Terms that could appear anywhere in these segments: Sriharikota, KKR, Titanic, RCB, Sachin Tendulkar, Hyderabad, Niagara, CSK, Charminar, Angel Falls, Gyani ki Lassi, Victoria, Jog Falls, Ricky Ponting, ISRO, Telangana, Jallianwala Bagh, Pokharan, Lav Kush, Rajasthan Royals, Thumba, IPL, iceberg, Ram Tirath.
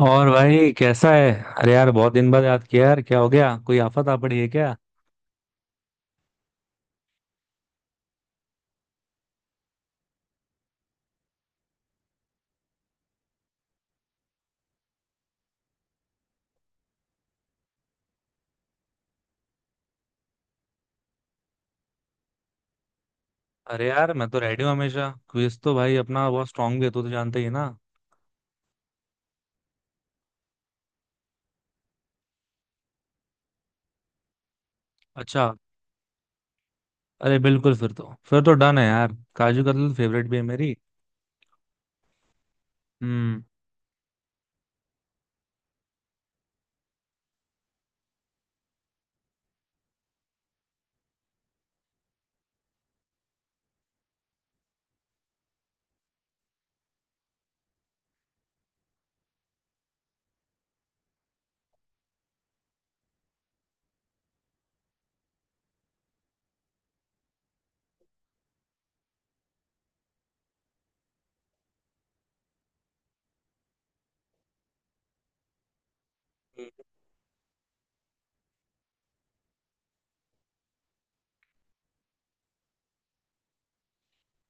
और भाई कैसा है? अरे यार, बहुत दिन बाद याद किया यार। क्या हो गया? कोई आफत आ पड़ी है क्या? अरे यार, मैं तो रेडी हूँ हमेशा। क्विज तो भाई अपना बहुत स्ट्रांग भी है, तू तो जानते ही है ना। अच्छा। अरे बिल्कुल, फिर तो डन है यार। काजू कतली फेवरेट भी है मेरी। हम्म।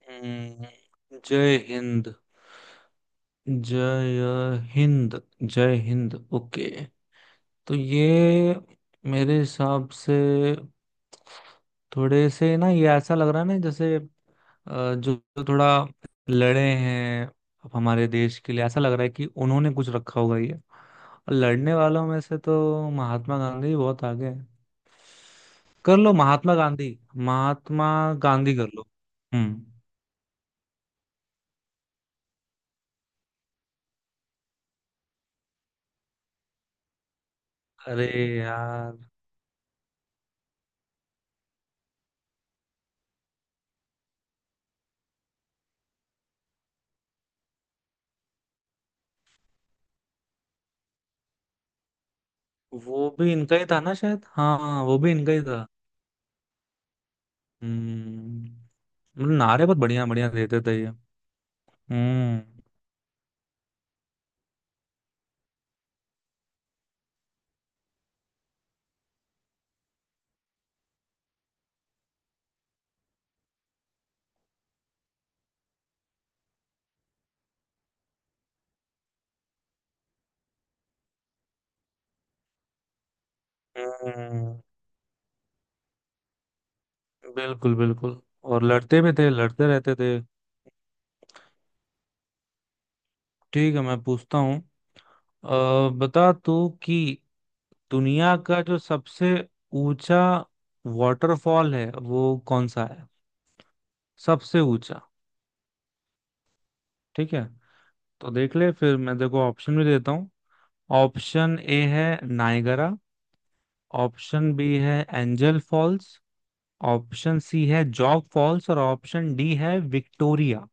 हम्म, जय हिंद, जय हिंद, जय हिंद। ओके। तो ये मेरे हिसाब से थोड़े से ना, ये ऐसा लग रहा है ना जैसे जो जो थोड़ा लड़े हैं हमारे देश के लिए, ऐसा लग रहा है कि उन्होंने कुछ रखा होगा ये, और लड़ने वालों में से तो महात्मा गांधी बहुत आगे है। कर लो महात्मा गांधी। महात्मा गांधी कर लो। हम्म। अरे यार। वो भी इनका ही था ना शायद। हाँ हाँ, वो भी इनका ही था। हम्म। मतलब नारे बहुत बढ़िया बढ़िया देते थे ये। हम्म। हम्म। बिल्कुल बिल्कुल, और लड़ते भी थे, लड़ते रहते थे। ठीक है, मैं पूछता हूँ। बता तू कि दुनिया का जो सबसे ऊंचा वाटरफॉल है वो कौन सा है? सबसे ऊंचा। ठीक है। तो देख ले फिर, मैं देखो ऑप्शन भी देता हूँ। ऑप्शन ए है नायगरा। ऑप्शन बी है एंजल फॉल्स। ऑप्शन सी है जॉग फॉल्स, और ऑप्शन डी है विक्टोरिया।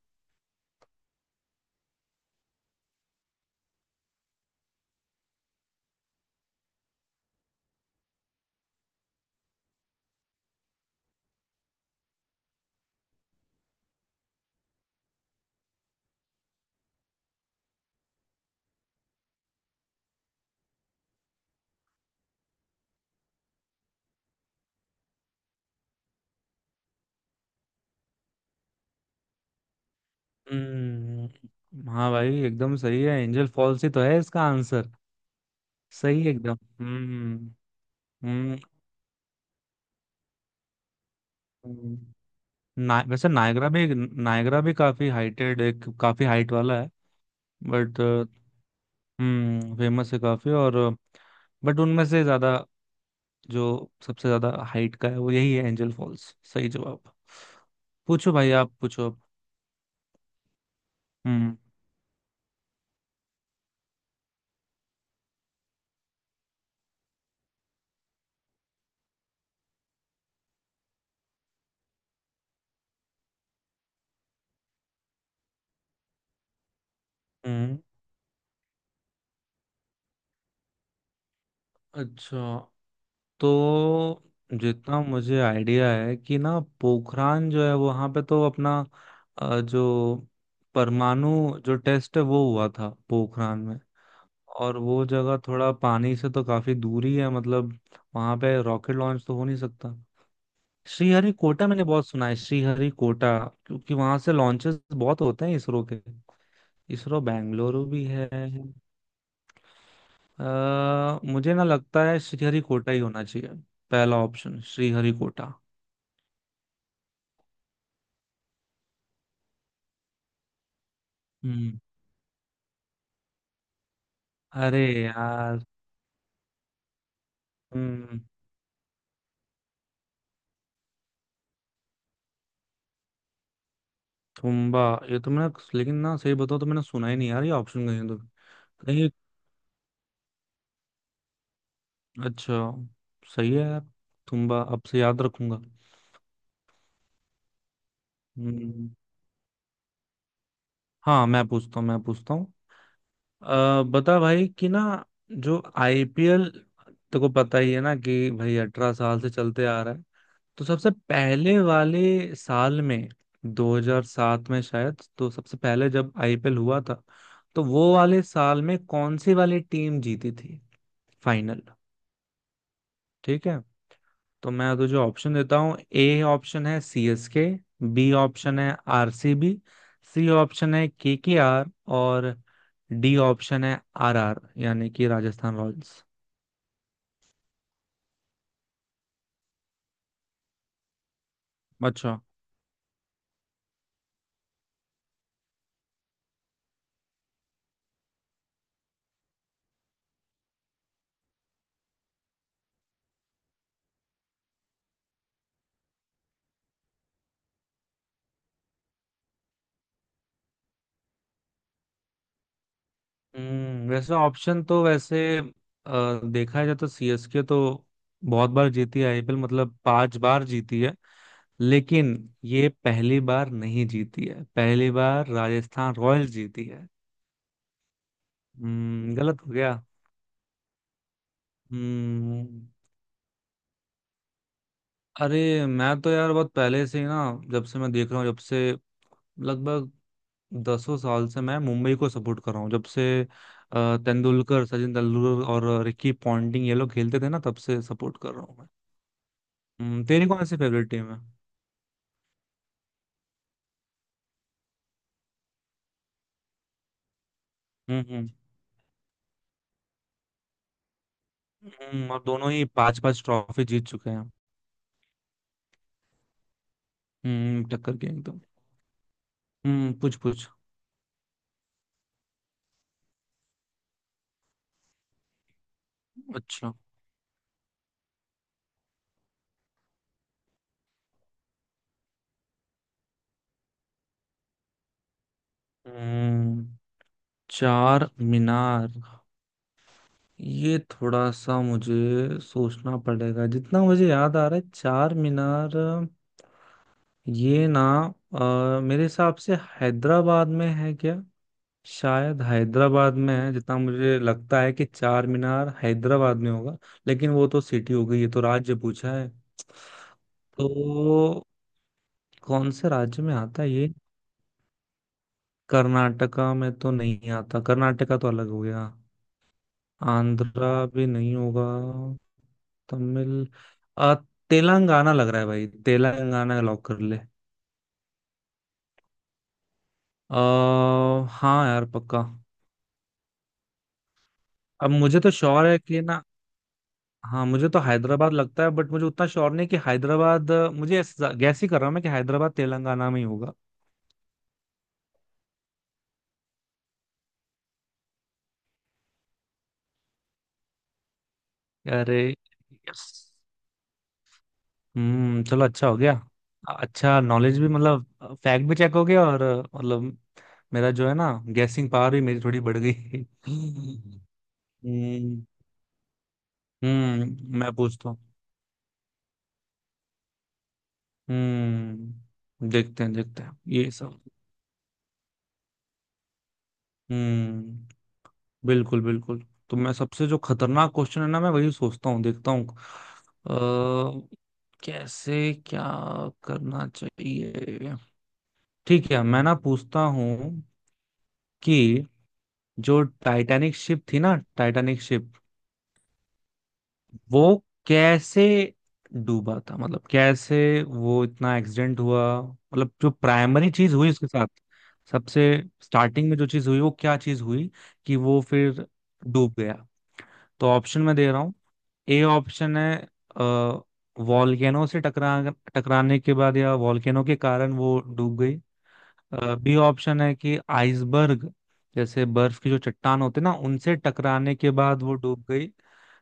हम्म। हाँ भाई, एकदम सही है, एंजल फॉल्स ही तो है इसका आंसर। सही है एकदम। हम्म। हम्म। हम्म। ना, वैसे नायगरा भी काफी हाइटेड, एक काफी हाइट वाला है। बट। हम्म, फेमस है काफी और। बट उनमें से ज्यादा, जो सबसे ज्यादा हाइट का है वो यही है, एंजल फॉल्स सही जवाब। पूछो भाई, आप पूछो अब। हम्म। हम्म। अच्छा, तो जितना मुझे आइडिया है कि ना, पोखरान जो है वहां पे तो अपना जो परमाणु जो टेस्ट है, वो हुआ था पोखरान में। और वो जगह थोड़ा पानी से तो काफी दूरी है मतलब, वहां पे रॉकेट लॉन्च तो हो नहीं सकता। श्रीहरिकोटा मैंने बहुत सुना है, श्रीहरिकोटा। क्योंकि वहां से लॉन्चेस बहुत होते हैं इसरो के। इसरो बेंगलुरु भी है। मुझे ना लगता है श्रीहरिकोटा ही होना चाहिए। पहला ऑप्शन श्रीहरिकोटा। हम्म। अरे यार। हम्म। तुम्बा। ये तो मैंने लेकिन ना, सही बताओ तो मैंने सुना ही नहीं यार, ये ऑप्शन कहीं तो। नहीं ये- अच्छा। सही है यार। तुम्बा अब से याद रखूंगा। हम्म। हाँ, मैं पूछता हूँ, मैं पूछता हूँ। बता भाई कि ना, जो आईपीएल तेको पता ही है ना कि भाई 18 साल से चलते आ रहा है। तो सबसे पहले वाले साल में, 2007 में शायद, तो सबसे पहले जब आईपीएल हुआ था, तो वो वाले साल में कौन सी वाली टीम जीती थी फाइनल? ठीक है, तो मैं तुझे ऑप्शन देता हूँ। ए ऑप्शन है सीएसके। बी ऑप्शन है RCB, C B, C option है केकेआर, और डी ऑप्शन है आरआर, यानी कि राजस्थान रॉयल्स। अच्छा। हम्म, वैसे ऑप्शन तो वैसे देखा जाए तो सीएसके तो बहुत बार जीती है आईपीएल, मतलब 5 बार जीती है। लेकिन ये पहली बार नहीं जीती है, पहली बार राजस्थान रॉयल्स जीती है। हम्म, गलत हो गया। हम्म। अरे, मैं तो यार बहुत पहले से ही ना, जब से मैं देख रहा हूँ, जब से लगभग 10ों साल से मैं मुंबई को सपोर्ट कर रहा हूँ, जब से तेंदुलकर सचिन तेंदुलकर और रिकी पॉन्टिंग ये लोग खेलते थे ना, तब से सपोर्ट कर रहा हूँ। तेरी कौन सी फेवरेट टीम है? हम्म। हम्म। और दोनों ही 5-5 ट्रॉफी जीत चुके हैं। हम्म, टक्कर के एकदम। हम्म, पूछ पूछ। अच्छा। हम्म। चार मीनार। ये थोड़ा सा मुझे सोचना पड़ेगा, जितना मुझे याद आ रहा है चार मीनार ये ना, मेरे हिसाब से हैदराबाद में है क्या? शायद हैदराबाद में है, जितना मुझे लगता है कि चार मीनार हैदराबाद में होगा। लेकिन वो तो सिटी हो गई, ये तो राज्य पूछा है। तो कौन से राज्य में आता है ये? कर्नाटका में तो नहीं आता, कर्नाटका तो अलग हो गया। आंध्रा भी नहीं होगा। तमिल अ, तेलंगाना लग रहा है भाई, तेलंगाना लॉक कर ले। हाँ यार पक्का। अब मुझे तो श्योर है कि ना। हाँ, मुझे तो हैदराबाद लगता है, बट मुझे उतना श्योर नहीं कि हैदराबाद गैस ही कर रहा हूँ मैं कि हैदराबाद तेलंगाना में ही होगा। अरे, यस। हम्म, चलो अच्छा हो गया। अच्छा, नॉलेज भी मतलब फैक्ट भी चेक हो गया, और मतलब मेरा जो है ना, गैसिंग पावर भी मेरी थोड़ी बढ़ गई। हम्म। हम्म। मैं पूछता हूँ। हम्म, देखते हैं ये सब। हम्म, बिल्कुल बिल्कुल। तो मैं सबसे जो खतरनाक क्वेश्चन है ना, मैं वही सोचता हूँ, देखता हूँ। अ, कैसे क्या करना चाहिए? ठीक है, मैं ना पूछता हूँ कि जो टाइटैनिक शिप थी ना, टाइटैनिक शिप, वो कैसे डूबा था, मतलब कैसे वो इतना एक्सीडेंट हुआ, मतलब जो प्राइमरी चीज हुई उसके साथ, सबसे स्टार्टिंग में जो चीज हुई वो क्या चीज हुई, कि वो फिर डूब गया? तो ऑप्शन मैं दे रहा हूँ। ए ऑप्शन है अ, वॉल्केनो से टकराने के बाद, या वॉल्केनो के कारण वो डूब गई। बी ऑप्शन है कि आइसबर्ग, जैसे बर्फ की जो चट्टान होते हैं ना, उनसे टकराने के बाद वो डूब गई।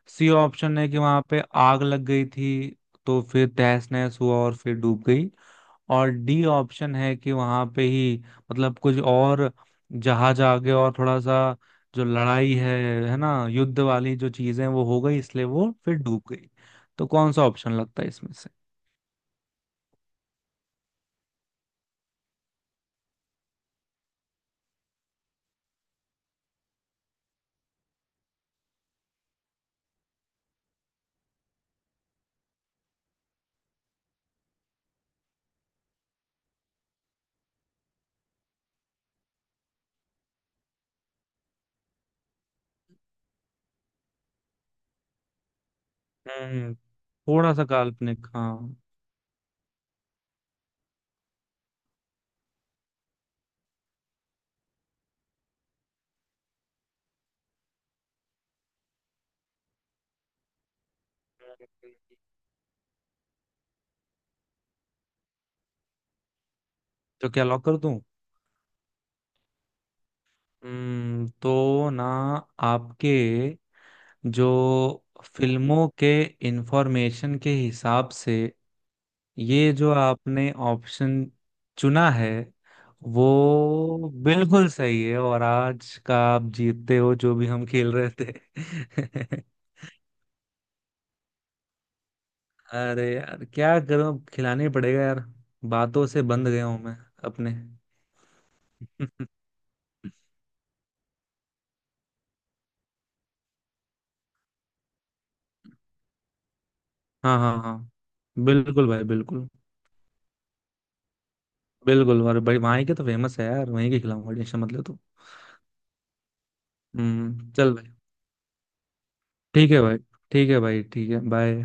सी ऑप्शन है कि वहां पे आग लग गई थी, तो फिर तहस नहस हुआ और फिर डूब गई। और डी ऑप्शन है कि वहां पे ही, मतलब कुछ और जहाज आगे और थोड़ा सा, जो लड़ाई है ना, युद्ध वाली जो चीजें वो हो गई, इसलिए वो फिर डूब गई। तो कौन सा ऑप्शन लगता है इसमें से? हम्म, थोड़ा सा काल्पनिक हाँ। तो क्या लॉक कर दूं? हम्म, तो ना, आपके जो फिल्मों के इंफॉर्मेशन के हिसाब से ये जो आपने ऑप्शन चुना है वो बिल्कुल सही है, और आज का आप जीतते हो, जो भी हम खेल रहे थे। अरे यार, क्या करूं, खिलाने पड़ेगा यार। बातों से बंध गया हूं मैं अपने। हाँ हाँ हाँ। बिल्कुल भाई बिल्कुल। बिल्कुल, और भाई वहीं के तो फेमस है यार, वहीं के खिलाऊंगा, टेंशन मत ले तू। हम्म, चल भाई। ठीक है भाई। ठीक है भाई, ठीक है, बाय।